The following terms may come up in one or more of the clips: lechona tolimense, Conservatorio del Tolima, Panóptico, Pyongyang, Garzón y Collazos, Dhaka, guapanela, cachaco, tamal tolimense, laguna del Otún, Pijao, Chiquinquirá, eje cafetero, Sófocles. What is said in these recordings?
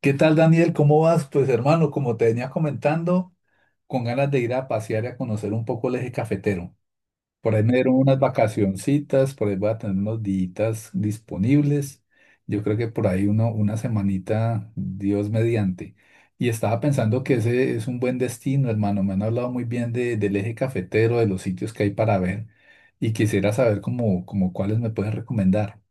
¿Qué tal, Daniel? ¿Cómo vas? Pues hermano, como te venía comentando, con ganas de ir a pasear y a conocer un poco el eje cafetero. Por ahí me dieron unas vacacioncitas, por ahí voy a tener unos días disponibles. Yo creo que por ahí uno, una semanita, Dios mediante. Y estaba pensando que ese es un buen destino, hermano. Me han hablado muy bien del eje cafetero, de los sitios que hay para ver. Y quisiera saber como cuáles me puedes recomendar.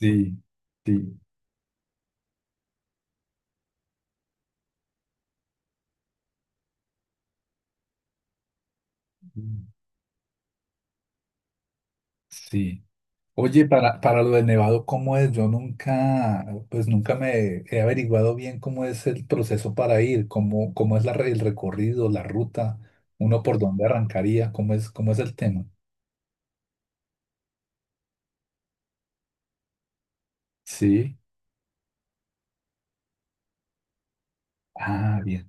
Sí, sí, sí. Oye, para lo de Nevado, ¿cómo es? Yo nunca, pues nunca me he averiguado bien cómo es el proceso para ir, cómo es el recorrido, la ruta, uno por dónde arrancaría, cómo es el tema. Sí. Ah, bien.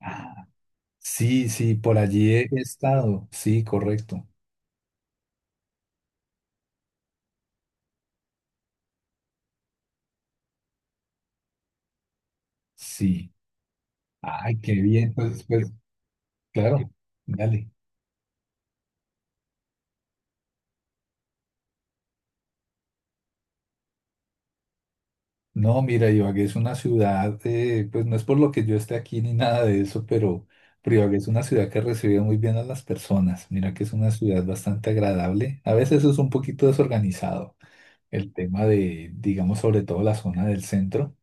Ah, sí, sí, por allí he estado. Sí, correcto. Sí. Ay, qué bien. Claro, dale. No, mira, Ibagué es una ciudad, pues no es por lo que yo esté aquí ni nada de eso, pero Ibagué es una ciudad que recibe muy bien a las personas. Mira que es una ciudad bastante agradable. A veces es un poquito desorganizado el tema de, digamos, sobre todo la zona del centro,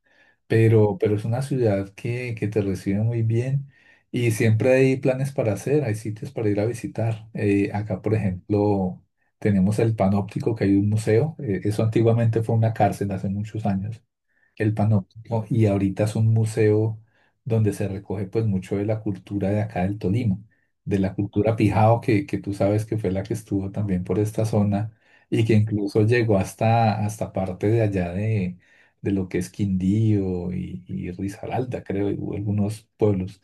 pero es una ciudad que te recibe muy bien y siempre hay planes para hacer, hay sitios para ir a visitar. Acá, por ejemplo, tenemos el Panóptico, que hay un museo. Eso antiguamente fue una cárcel hace muchos años, el Panóptico, y ahorita es un museo donde se recoge pues mucho de la cultura de acá del Tolima, de la cultura Pijao que tú sabes que fue la que estuvo también por esta zona y que incluso llegó hasta parte de allá de lo que es Quindío y Risaralda, creo, y hubo algunos pueblos.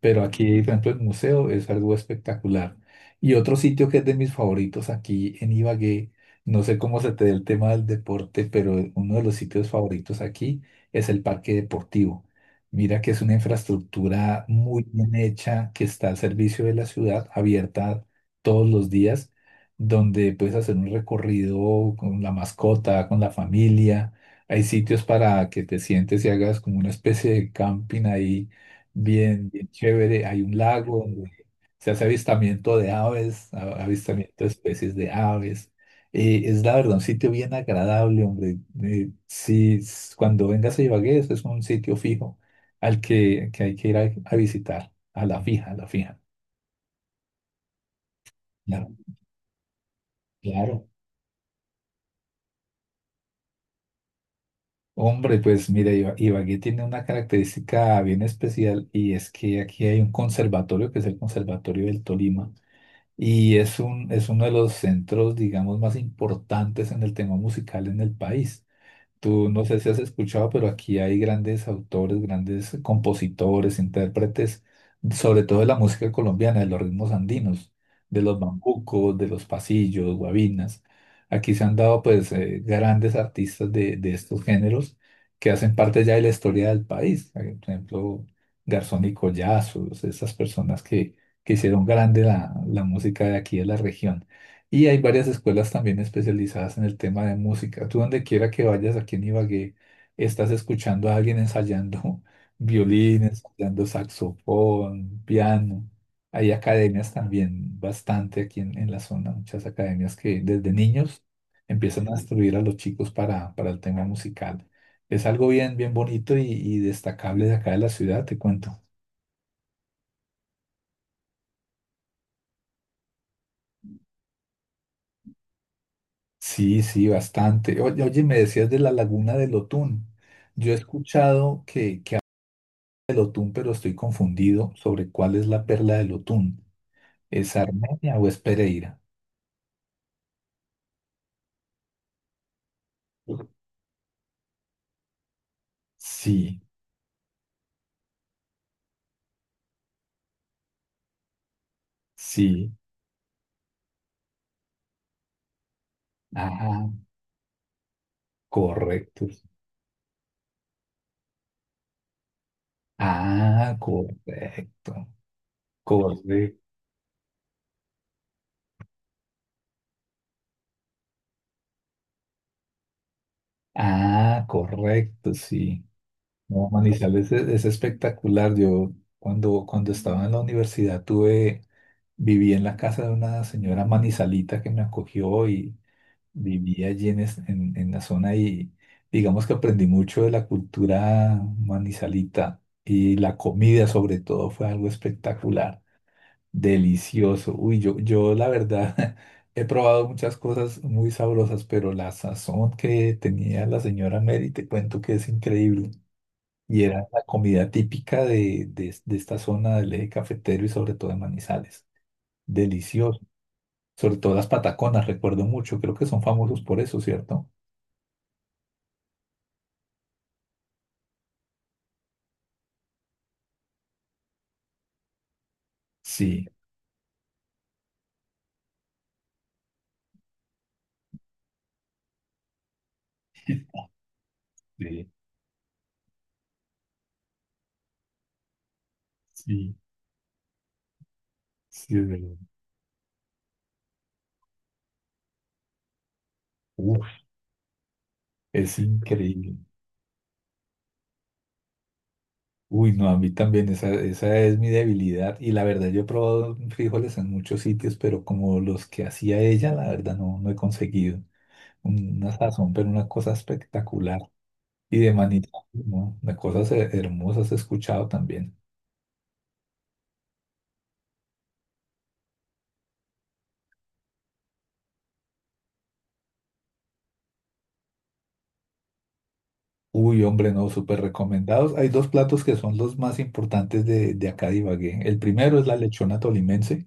Pero aquí, por ejemplo, el museo es algo espectacular. Y otro sitio que es de mis favoritos aquí en Ibagué, no sé cómo se te dé el tema del deporte, pero uno de los sitios favoritos aquí es el parque deportivo. Mira que es una infraestructura muy bien hecha que está al servicio de la ciudad, abierta todos los días, donde puedes hacer un recorrido con la mascota, con la familia. Hay sitios para que te sientes y hagas como una especie de camping ahí, bien, bien chévere. Hay un lago donde se hace avistamiento de aves, avistamiento de especies de aves. Es la verdad, un sitio bien agradable, hombre. Si s- Cuando vengas a Ibagué, eso es un sitio fijo al que hay que ir a visitar, a la fija, a la fija. Claro, claro. Hombre, pues mira, Ibagué tiene una característica bien especial y es que aquí hay un conservatorio que es el Conservatorio del Tolima y es uno de los centros, digamos, más importantes en el tema musical en el país. Tú no sé si has escuchado, pero aquí hay grandes autores, grandes compositores, intérpretes, sobre todo de la música colombiana, de los ritmos andinos, de los bambucos, de los pasillos, guabinas. Aquí se han dado pues grandes artistas de estos géneros que hacen parte ya de la historia del país. Por ejemplo, Garzón y Collazos, esas personas que hicieron grande la música de aquí de la región. Y hay varias escuelas también especializadas en el tema de música. Tú donde quiera que vayas aquí en Ibagué, estás escuchando a alguien ensayando violín, ensayando saxofón, piano. Hay academias también, bastante aquí en la zona, muchas academias que desde niños empiezan a instruir a los chicos para el tema musical. Es algo bien, bien bonito y destacable de acá de la ciudad, te cuento. Sí, sí, bastante. Oye, oye, me decías de la laguna del Otún. Yo he escuchado que habla del Otún, pero estoy confundido sobre cuál es la perla del Otún. ¿Es Armenia o es Pereira? Sí, sí. Ah, correcto. Ah, correcto. Correcto. Ah, correcto, sí. No, Manizales es espectacular. Yo cuando estaba en la universidad tuve. Viví en la casa de una señora manizalita que me acogió y viví allí en la zona y digamos que aprendí mucho de la cultura manizalita y la comida sobre todo fue algo espectacular, delicioso. Uy, yo la verdad he probado muchas cosas muy sabrosas, pero la sazón que tenía la señora Mary, te cuento que es increíble. Y era la comida típica de de esta zona del eje cafetero y sobre todo de Manizales. Delicioso. Sobre todo las pataconas, recuerdo mucho. Creo que son famosos por eso, ¿cierto? Sí, sí, sí, sí, es verdad. Uf, es increíble. Uy, no, a mí también esa es mi debilidad. Y la verdad, yo he probado frijoles en muchos sitios, pero como los que hacía ella, la verdad no, no he conseguido. Una sazón, pero una cosa espectacular. Y de manita, ¿no? De cosas hermosas he escuchado también. Uy, hombre, no, súper recomendados. Hay dos platos que son los más importantes de acá de Ibagué. El primero es la lechona tolimense,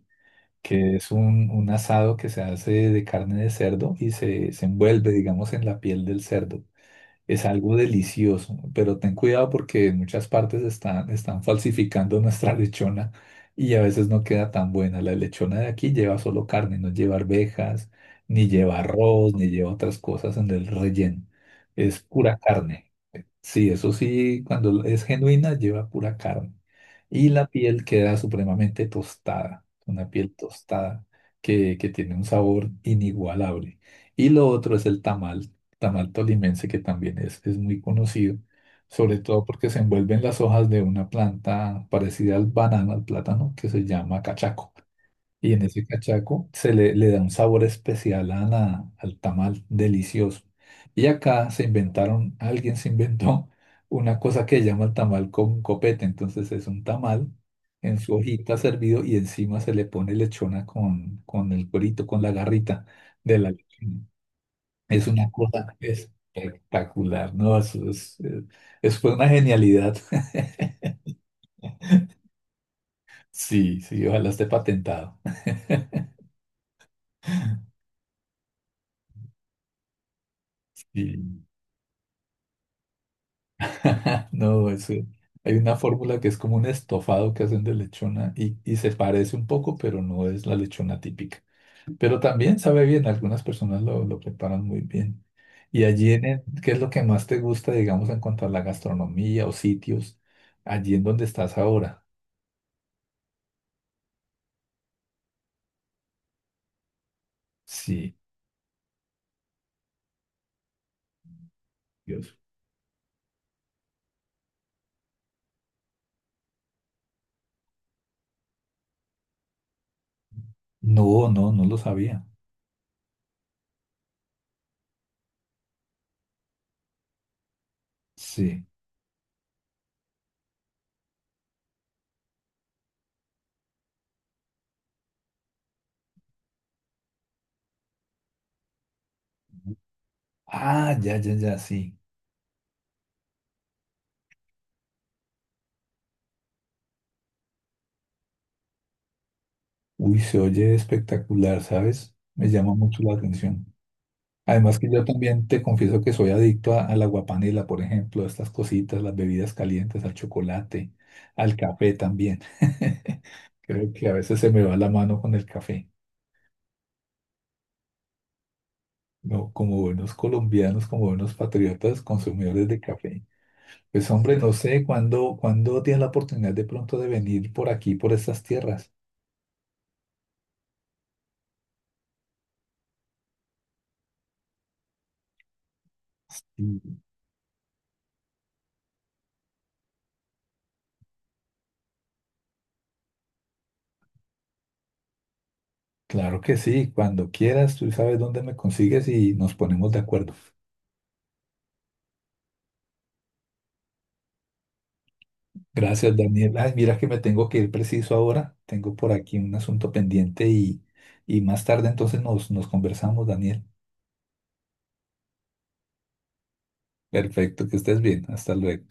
que es un asado que se hace de carne de cerdo y se envuelve, digamos, en la piel del cerdo. Es algo delicioso, pero ten cuidado porque en muchas partes están falsificando nuestra lechona y a veces no queda tan buena. La lechona de aquí lleva solo carne, no lleva arvejas, ni lleva arroz, ni lleva otras cosas en el relleno. Es pura carne. Sí, eso sí, cuando es genuina lleva pura carne y la piel queda supremamente tostada, una piel tostada que tiene un sabor inigualable. Y lo otro es el tamal, tamal tolimense que también es muy conocido, sobre todo porque se envuelven las hojas de una planta parecida al banano, al plátano, que se llama cachaco. Y en ese cachaco se le da un sabor especial a al tamal delicioso. Y acá se inventaron, alguien se inventó una cosa que llama tamal con copete. Entonces es un tamal en su hojita servido y encima se le pone lechona con el cuerito, con la garrita de la lechona. Es una cosa espectacular, ¿no? Eso es, eso fue una genialidad. Sí, sí, ojalá esté patentado. Sí. No, ese- hay una fórmula que es como un estofado que hacen de lechona y se parece un poco, pero no es la lechona típica. Pero también sabe bien, algunas personas lo preparan muy bien. Y allí, en el- ¿qué es lo que más te gusta, digamos, en cuanto a la gastronomía o sitios, allí en donde estás ahora? Sí, Dios. No, no, no lo sabía. Sí. Ah, ya, ya, ya, sí. Uy, se oye espectacular, ¿sabes? Me llama mucho la atención. Además que yo también te confieso que soy adicto a la guapanela, por ejemplo, a estas cositas, las bebidas calientes, al chocolate, al café también. Creo que a veces se me va la mano con el café. No, como buenos colombianos, como buenos patriotas, consumidores de café. Pues hombre, no sé cuándo tienes la oportunidad de pronto de venir por aquí, por estas tierras. Y claro que sí, cuando quieras, tú sabes dónde me consigues y nos ponemos de acuerdo. Gracias, Daniel. Ay, mira que me tengo que ir preciso ahora. Tengo por aquí un asunto pendiente y más tarde entonces nos conversamos, Daniel. Perfecto, que estés bien. Hasta luego.